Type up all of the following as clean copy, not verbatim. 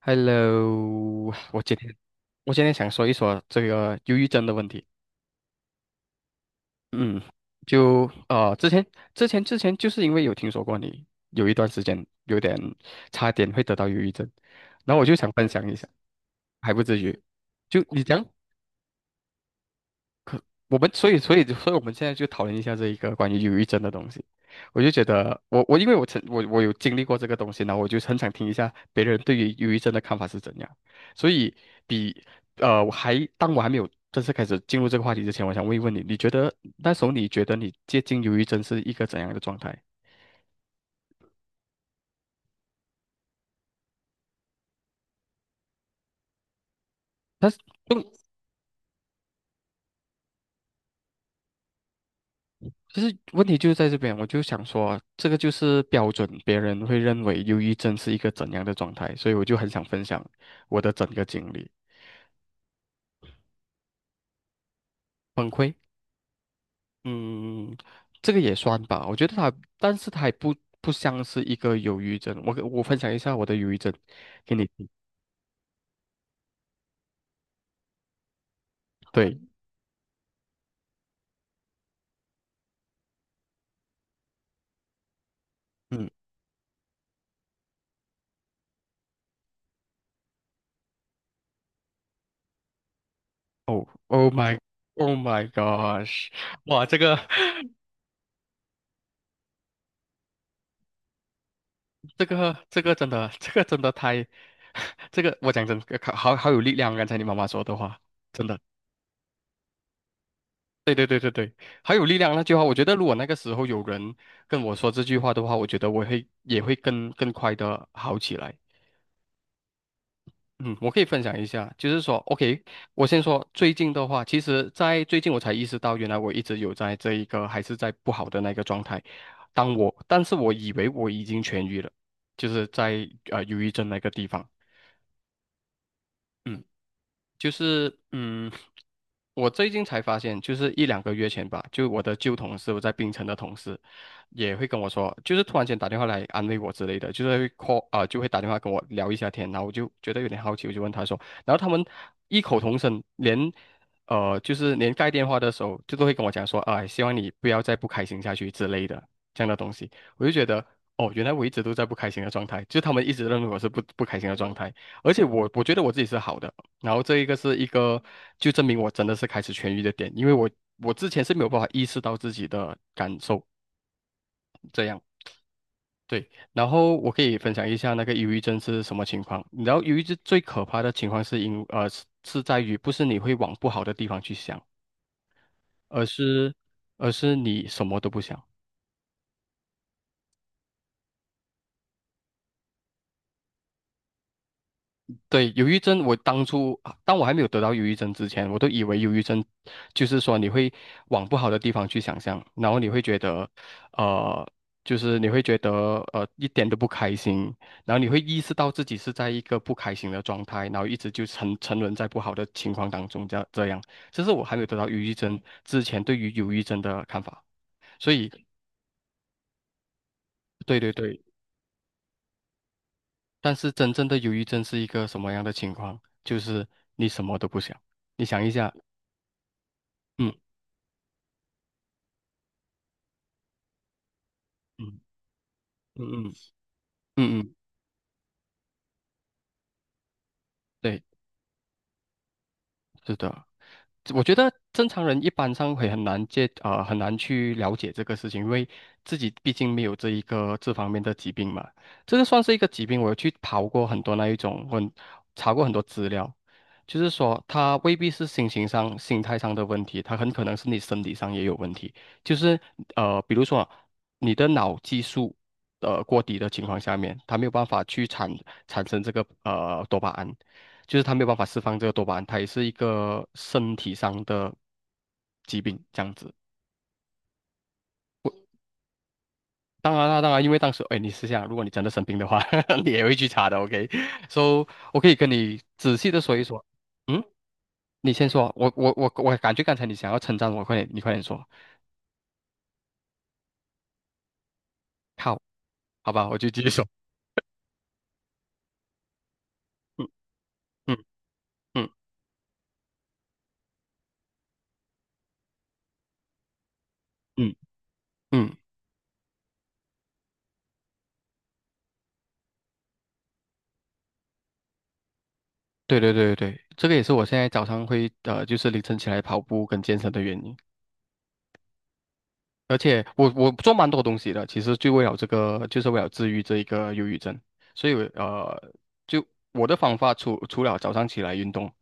Hello，我今天想说一说这个忧郁症的问题。嗯，就呃，之前之前就是因为有听说过你有一段时间有点差点会得到忧郁症，然后我就想分享一下，还不至于。就你讲，我们所以所以所以我们现在就讨论一下这一个关于忧郁症的东西。我就觉得我我因为我曾我我有经历过这个东西呢，我就很想听一下别人对于忧郁症的看法是怎样。所以比呃我还当我还没有正式开始进入这个话题之前，我想问一问你，你觉得那时候你觉得你接近忧郁症是一个怎样的状态？但是问其实问题就是在这边，我就想说，这个就是标准，别人会认为忧郁症是一个怎样的状态，所以我就很想分享我的整个经历，崩溃。嗯，这个也算吧，我觉得它，但是它也不不像是一个忧郁症。我跟我分享一下我的忧郁症给你听。对，嗯，哦，Oh my。Oh my gosh！哇，这个，这个，这个真的，这个真的太，这个我讲真，好好有力量。刚才你妈妈说的话，真的，对对对对对，好有力量那句话。我觉得如果那个时候有人跟我说这句话的话，我觉得我会也会更快的好起来。嗯，我可以分享一下，就是说，OK，我先说最近的话，其实，在最近我才意识到，原来我一直有在这一个还是在不好的那个状态。但是我以为我已经痊愈了，就是在忧郁症那个地方。嗯。就是嗯，我最近才发现，就是一两个月前吧，就我的旧同事，我在槟城的同事，也会跟我说，就是突然间打电话来安慰我之类的，就是会 call 啊、就会打电话跟我聊一下天，然后我就觉得有点好奇，我就问他说，然后他们异口同声，就是连盖电话的时候，就都会跟我讲说，啊、希望你不要再不开心下去之类的这样的东西，我就觉得。哦，原来我一直都在不开心的状态，就是他们一直认为我是不开心的状态，而且我觉得我自己是好的，然后这一个是一个就证明我真的是开始痊愈的点，因为我之前是没有办法意识到自己的感受这样。对，然后我可以分享一下那个忧郁症是什么情况。然后忧郁症最可怕的情况是因呃是是在于不是你会往不好的地方去想，而是而是你什么都不想。对，忧郁症，我当初啊当我还没有得到忧郁症之前，我都以为忧郁症就是说你会往不好的地方去想象，然后你会觉得，呃，就是你会觉得一点都不开心，然后你会意识到自己是在一个不开心的状态，然后一直就沉沦在不好的情况当中，这样这样，这是我还没有得到忧郁症之前对于忧郁症的看法。所以，对对对，但是真正的忧郁症是一个什么样的情况？就是你什么都不想，你想一下。嗯。嗯嗯嗯嗯，嗯，对，是的，我觉得正常人一般上会很难很难去了解这个事情，因为自己毕竟没有这一个这方面的疾病嘛。这个算是一个疾病，我有去刨过很多那一种，我查过很多资料，就是说它未必是心情上、心态上的问题，它很可能是你身体上也有问题。就是呃，比如说你的脑激素呃过低的情况下面，它没有办法去产生这个多巴胺。就是他没有办法释放这个多巴胺，它也是一个身体上的疾病这样子。当然啦，当然，因为当时，哎，你试下，如果你真的生病的话，你也会去查的，OK？So,我可以跟你仔细的说一说。嗯，你先说啊，我感觉刚才你想要称赞我，快点，你快点说。好，好吧，我就继续说。嗯嗯嗯嗯嗯，对对对对对，这个也是我现在早上会呃，就是凌晨起来跑步跟健身的原因。而且我做蛮多东西的，其实就为了这个，就是为了治愈这一个忧郁症。所以呃，就我的方法除了早上起来运动，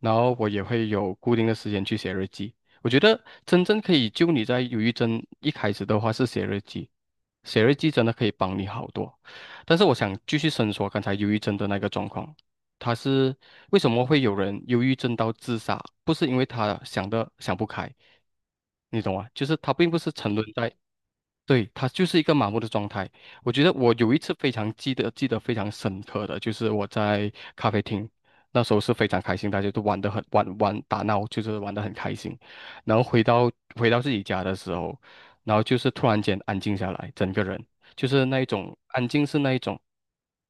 然后我也会有固定的时间去写日记。我觉得真正可以救你在忧郁症一开始的话是写日记，写日记真的可以帮你好多。但是我想继续伸缩刚才忧郁症的那个状况，他是为什么会有人忧郁症到自杀？不是因为他想不开，你懂吗？就是他并不是沉沦在对，他就是一个麻木的状态。我觉得我有一次非常记得非常深刻的，就是我在咖啡厅，那时候是非常开心，大家都玩打闹，就是玩得很开心。然后回到自己家的时候，然后就是突然间安静下来，整个人就是那一种安静是那一种，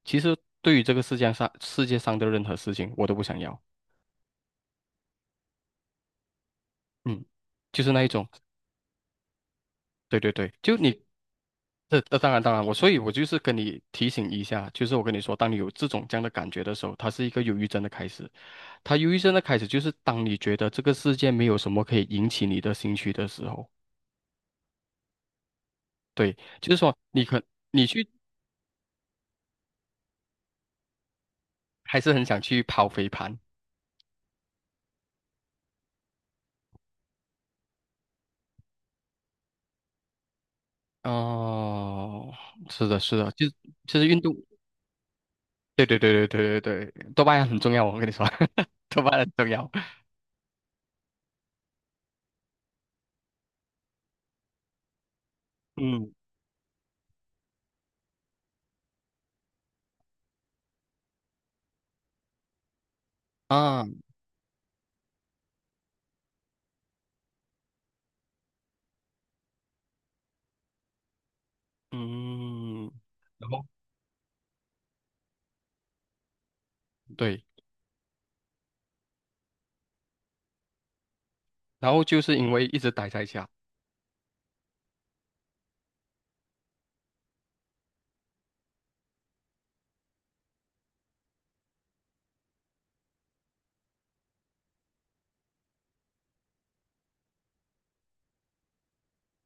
其实对于这个世界上的任何事情，我都不想要。嗯，就是那一种，对对对，就你这当然，我所以，我就是跟你提醒一下，就是我跟你说，当你有这种这样的感觉的时候，它是一个忧郁症的开始。它忧郁症的开始就是当你觉得这个世界没有什么可以引起你的兴趣的时候，对，就是说你去还是很想去跑飞盘。哦，是的，是的，就是运动，对对对对对对对，多巴胺很重要，我跟你说，多巴胺很重要。嗯啊，嗯，然后对，然后就是因为一直待在家。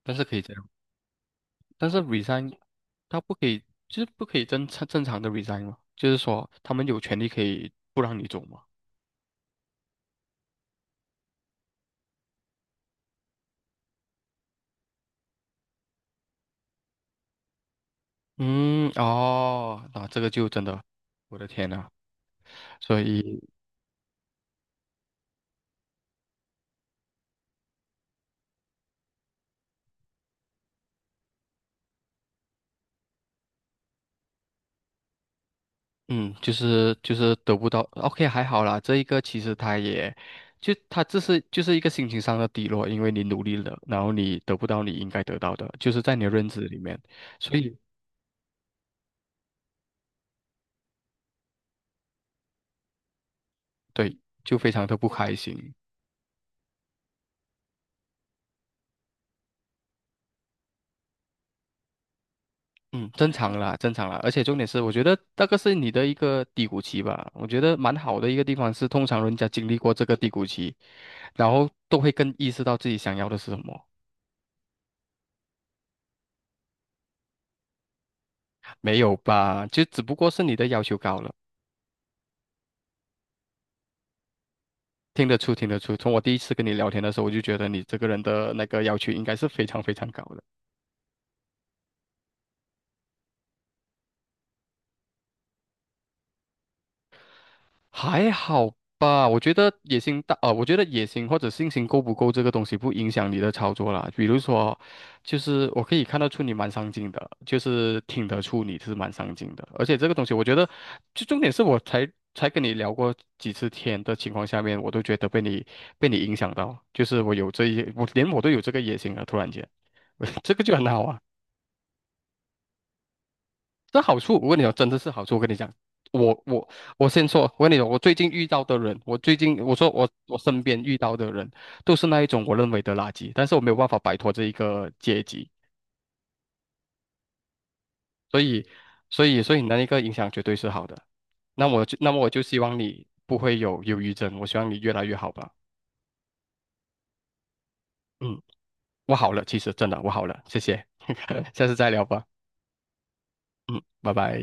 但是可以这样，但是 resign 他不可以，就是不可以正常的 resign 嘛，就是说他们有权利可以不让你走嘛。嗯，哦，那这个就真的，我的天呐，所以，嗯，就是就是得不到，OK,还好啦，这一个其实他也，就他这是就是一个心情上的低落，因为你努力了，然后你得不到你应该得到的，就是在你的认知里面，所以对，就非常的不开心。嗯，正常啦，正常啦，而且重点是，我觉得那个是你的一个低谷期吧。我觉得蛮好的一个地方是，通常人家经历过这个低谷期，然后都会更意识到自己想要的是什么。没有吧？就只不过是你的要求高了，听得出，听得出。从我第一次跟你聊天的时候，我就觉得你这个人的那个要求应该是非常高的。还好吧，我觉得野心大，呃，我觉得野心或者信心够不够这个东西不影响你的操作啦。比如说，就是我可以看得出你蛮上进的，就是听得出你是蛮上进的，而且这个东西我觉得，就重点是我才跟你聊过几次天的情况下面，我都觉得被你影响到，就是我有这一，我连我都有这个野心了，突然间，这个就很好啊。这好处，我跟你讲，真的是好处。我跟你讲，我我我先说，我跟你讲，我最近遇到的人，我最近我说我身边遇到的人，都是那一种我认为的垃圾，但是我没有办法摆脱这一个阶级，所以所以你那一个影响绝对是好的。那么我就希望你不会有忧郁症，我希望你越来越好吧。嗯，我好了，其实真的我好了，谢谢，下次再聊吧。嗯，拜拜。